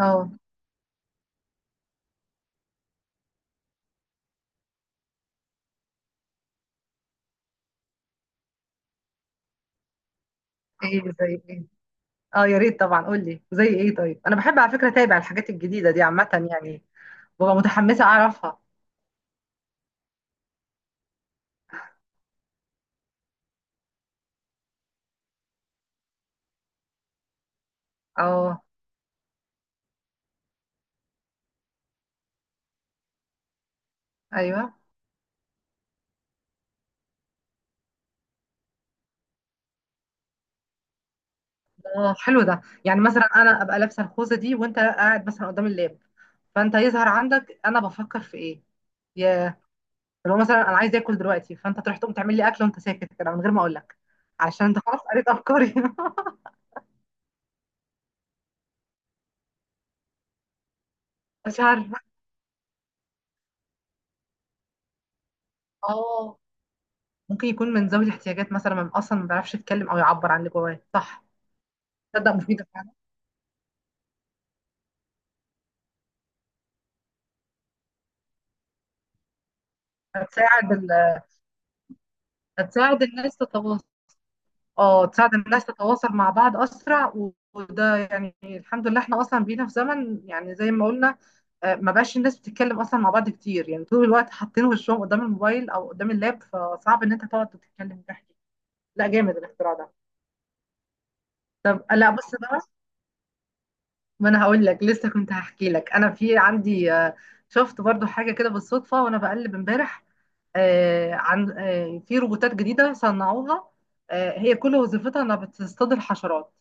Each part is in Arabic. اه. ايه زي ايه؟ اه، يا ريت طبعا، قول لي زي ايه. طيب، انا بحب على فكره اتابع الحاجات الجديده دي عامه، يعني ببقى متحمسه اعرفها. اه، ايوه. اه، حلو ده. يعني مثلا انا ابقى لابسه الخوذه دي وانت قاعد مثلا قدام اللاب، فانت يظهر عندك انا بفكر في ايه. يا لو مثلا انا عايز اكل دلوقتي فانت تروح تقوم تعمل لي اكل وانت ساكت كده من غير ما اقول لك، علشان انت خلاص قريت افكاري. مش عارفه. اه، ممكن يكون من ذوي الاحتياجات مثلا، ما اصلا ما بيعرفش يتكلم او يعبر عن اللي جواه، صح. تصدق مفيده. هتساعد ال... هتساعد الناس تتواصل. اه، تساعد الناس تتواصل مع بعض اسرع وده، يعني الحمد لله احنا اصلا بقينا في زمن، يعني زي ما قلنا. ما بقاش الناس بتتكلم اصلا مع بعض كتير، يعني طول الوقت حاطين وشهم قدام الموبايل او قدام اللاب، فصعب ان انت تقعد تتكلم وتحكي. لا، جامد الاختراع ده. طب لا، بص بقى. ما انا هقول لك، لسه كنت هحكي لك انا، في عندي شفت برضو حاجه كده بالصدفه وانا بقلب امبارح. عن في روبوتات جديده صنعوها، هي كل وظيفتها انها بتصطاد الحشرات.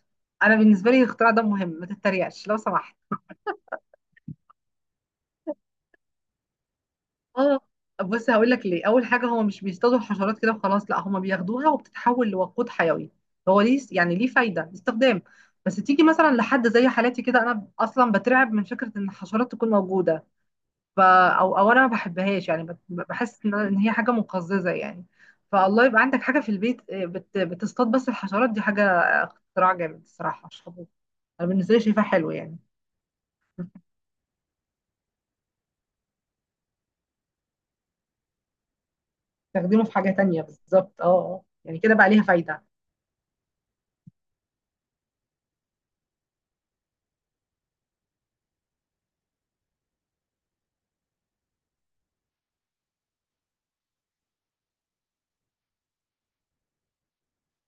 انا بالنسبه لي الاختراع ده مهم، ما تتريقش لو سمحت. اه، بص هقول لك ليه. اول حاجه، هو مش بيصطادوا الحشرات كده وخلاص، لا، هم بياخدوها وبتتحول لوقود حيوي. هو ليه، يعني ليه فايده استخدام. بس تيجي مثلا لحد زي حالتي كده، انا اصلا بترعب من فكره ان الحشرات تكون موجوده. او انا ما بحبهاش، يعني بحس ان هي حاجه مقززه يعني. فالله يبقى عندك حاجه في البيت بتصطاد بس الحشرات دي، حاجه اختراع جامد الصراحه، مش حابه. انا بالنسبه لي شايفاه حلو يعني. تخدمه في حاجه تانية بالظبط. اه. يعني كده بقى ليها فايده.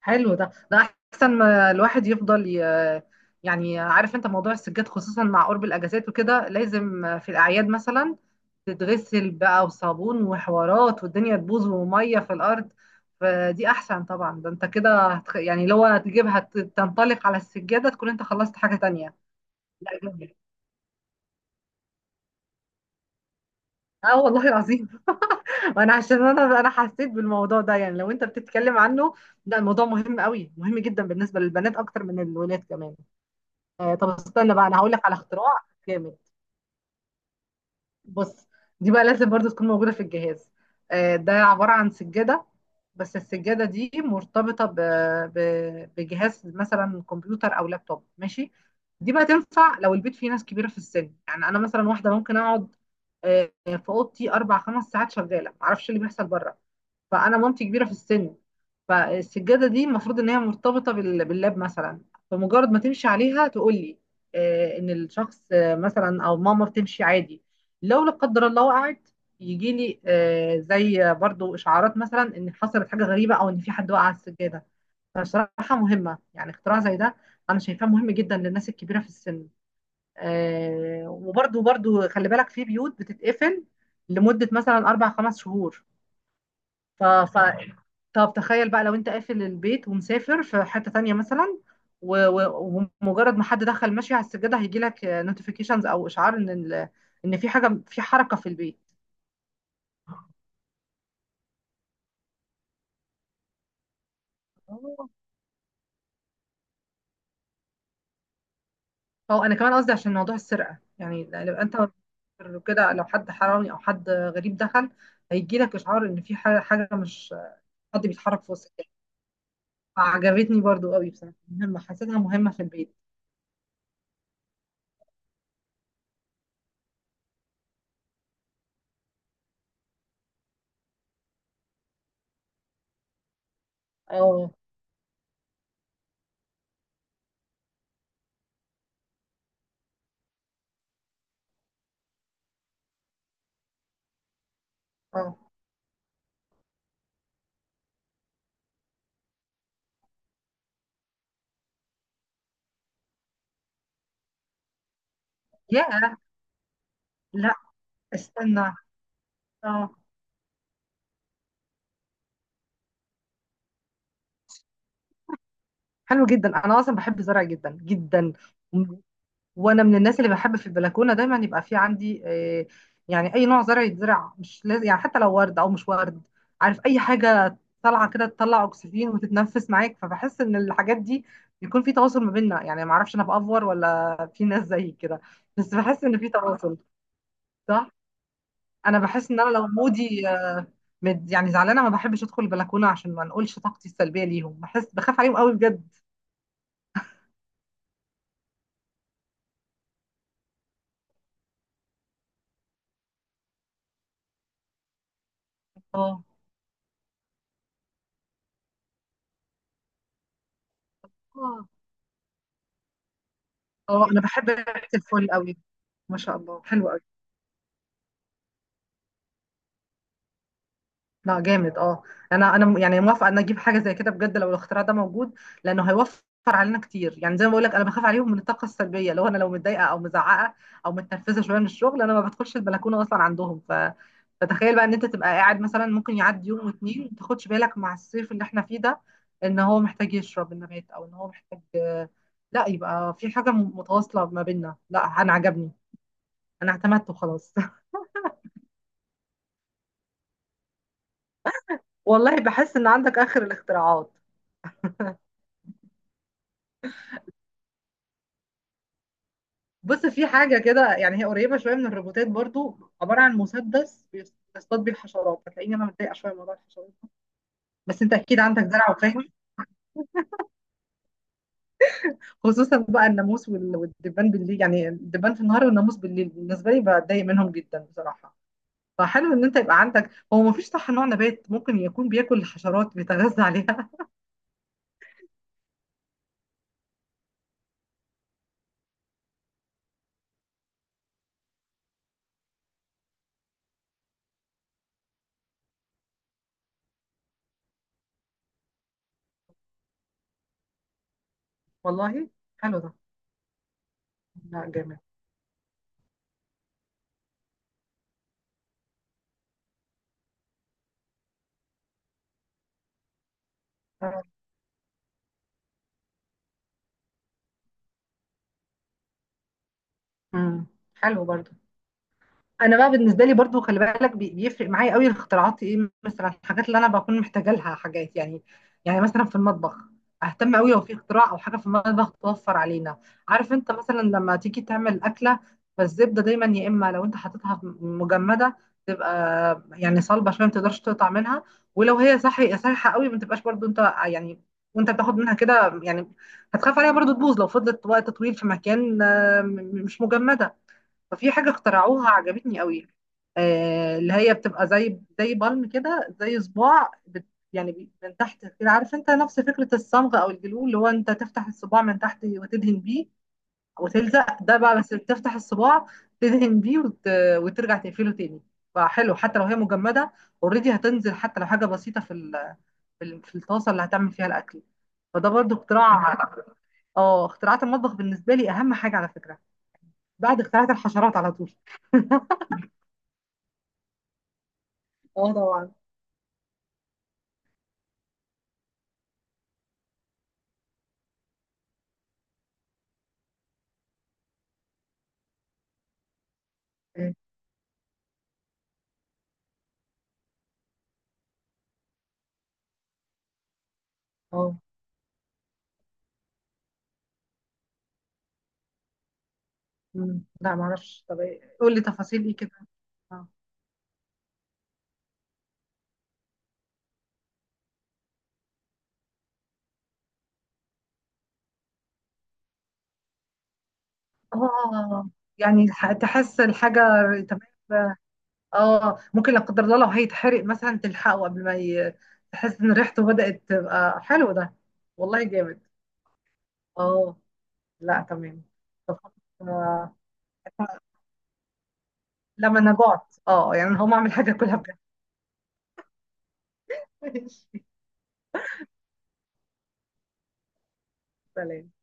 حلو ده. احسن ما الواحد يفضل ي... يعني عارف انت موضوع السجاد، خصوصا مع قرب الاجازات وكده، لازم في الاعياد مثلا تتغسل بقى، وصابون وحوارات، والدنيا تبوظ، وميه في الارض. فدي احسن طبعا. ده انت كده يعني لو هتجيبها تنطلق على السجاده، تكون انت خلصت حاجه تانية. لا، جميل. اه، والله العظيم. انا عشان انا حسيت بالموضوع ده، يعني لو انت بتتكلم عنه، ده الموضوع مهم قوي، مهم جدا بالنسبه للبنات اكتر من الولاد كمان. طب استنى بقى، انا هقول لك على اختراع جامد. بص، دي بقى لازم برضو تكون موجوده في الجهاز. ده عباره عن سجاده. بس السجاده دي مرتبطه ب... بجهاز مثلا كمبيوتر او لابتوب ماشي. دي بقى تنفع لو البيت فيه ناس كبيره في السن. يعني انا مثلا واحده ممكن اقعد في اوضتي اربع خمس ساعات شغاله، معرفش إيه اللي بيحصل بره. فانا مامتي كبيره في السن، فالسجاده دي المفروض ان هي مرتبطه باللاب مثلا. فمجرد ما تمشي عليها تقول لي ان الشخص، مثلا او ماما بتمشي عادي، لو لا قدر الله وقعت، يجي لي زي برضو اشعارات مثلا، ان حصلت حاجه غريبه او ان في حد وقع على السجاده. فصراحه مهمه يعني اختراع زي ده. انا شايفاه مهم جدا للناس الكبيره في السن. وبرضو خلي بالك، في بيوت بتتقفل لمده مثلا اربع خمس شهور. ف... ف... طب تخيل بقى لو انت قافل البيت ومسافر في حتة تانية مثلا، و- و- ومجرد ما حد دخل ماشي على السجادة، هيجي لك نوتيفيكيشنز او اشعار ان في حاجة، في حركة في البيت. آه. او انا كمان قصدي عشان موضوع السرقة. يعني لو انت كده، لو حد حرامي او حد غريب دخل، هيجي لك اشعار ان في حاجة، مش، حد بيتحرك في وسط البيت. عجبتني برضو قوي بصراحة، مهمة، حسيتها مهمة في البيت. اه. اه. يا، لا، استنى. اه، حلو جدا. انا اصلا بحب الزرع جدا جدا. م- وانا من الناس اللي بحب في البلكونه دايما يبقى في عندي يعني اي نوع زرع يتزرع، مش لازم يعني، حتى لو ورد او مش ورد، عارف اي حاجه طالعه كده تطلع اكسجين وتتنفس معاك. فبحس ان الحاجات دي بيكون في تواصل ما بيننا، يعني ما اعرفش انا بافور ولا في ناس زيي كده، بس بحس ان في تواصل. صح. انا بحس ان انا لو مودي، يعني زعلانه، ما بحبش ادخل البلكونه عشان ما نقولش طاقتي السلبيه ليهم. بحس بخاف عليهم قوي بجد. اه. اه، انا بحب ريحه الفل قوي. ما شاء الله، حلو قوي. لا، جامد. اه، انا يعني موافقه ان اجيب حاجه زي كده بجد لو الاختراع ده موجود، لانه هيوفر علينا كتير. يعني زي ما بقول لك، انا بخاف عليهم من الطاقه السلبيه. لو انا، لو متضايقه او مزعقه او متنرفزه شويه من الشغل، انا ما بدخلش البلكونه اصلا عندهم. ف فتخيل بقى ان انت تبقى قاعد مثلا، ممكن يعدي يوم واتنين ما تاخدش بالك مع الصيف اللي احنا فيه ده، ان هو محتاج يشرب النبات، او ان هو محتاج، لا يبقى في حاجه متواصله ما بيننا. لا، انا عجبني. انا اعتمدت وخلاص. والله بحس ان عندك اخر الاختراعات. بص، في حاجه كده، يعني هي قريبه شويه من الروبوتات برضو، عباره عن مسدس بيصطاد بيه الحشرات. هتلاقيني انا متضايقه شويه من موضوع الحشرات ده. بس انت اكيد عندك دلع، وفاهم. خصوصا بقى الناموس والدبان بالليل. يعني الدبان في النهار والناموس بالليل، بالنسبه لي بتضايق منهم جدا بصراحه. فحلو ان انت يبقى عندك. هو ما فيش، صح، نوع نبات ممكن يكون بياكل الحشرات، بيتغذى عليها؟ والله، حلو ده. لا، جامد. مم. حلو برضو. انا بقى بالنسبه لي برضو خلي بالك، بيفرق معايا قوي الاختراعات، ايه مثلا الحاجات اللي انا بكون محتاجه لها، حاجات يعني. يعني مثلا في المطبخ، اهتم قوي لو في اختراع او حاجه في المطبخ توفر علينا. عارف انت مثلا لما تيجي تعمل اكله، فالزبده دايما يا اما لو انت حاططها مجمده، تبقى يعني صلبه شويه ما تقدرش تقطع منها، ولو هي صحيحه قوي، ما تبقاش برضو انت يعني، وانت بتاخد منها كده يعني، هتخاف عليها برضو تبوظ لو فضلت وقت طويل في مكان مش مجمده. ففي حاجة اخترعوها عجبتني قوي، آه، اللي هي بتبقى زي بالم كده، زي صباع بت، يعني من تحت كده، عارف انت، نفس فكرة الصمغ او الجلو، اللي هو انت تفتح الصباع من تحت وتدهن بيه وتلزق. ده بقى بس تفتح الصباع، تدهن بيه وترجع تقفله تاني. فحلو، حتى لو هي مجمدة، اوريدي هتنزل حتى لو حاجة بسيطة في الطاسة اللي هتعمل فيها الأكل. فده برضو اختراع. اه، اختراعات المطبخ بالنسبة لي أهم حاجة على فكرة، بعد اختراعات الحشرات على طول. اه طبعا. إيه، اه. مم. لا معرفش. طب قول لي تفاصيل ايه كده. اه. آه، يعني تحس الحاجة. تمام. اه، ممكن لا قدر الله لو هيتحرق مثلا تلحقه قبل ما تحس ان ريحته بدأت تبقى. حلو ده. والله جامد. اه. لا، تمام. طب آه، لما انا جعت، اه يعني هقوم اعمل حاجة كلها بجد. ماشي، سلام.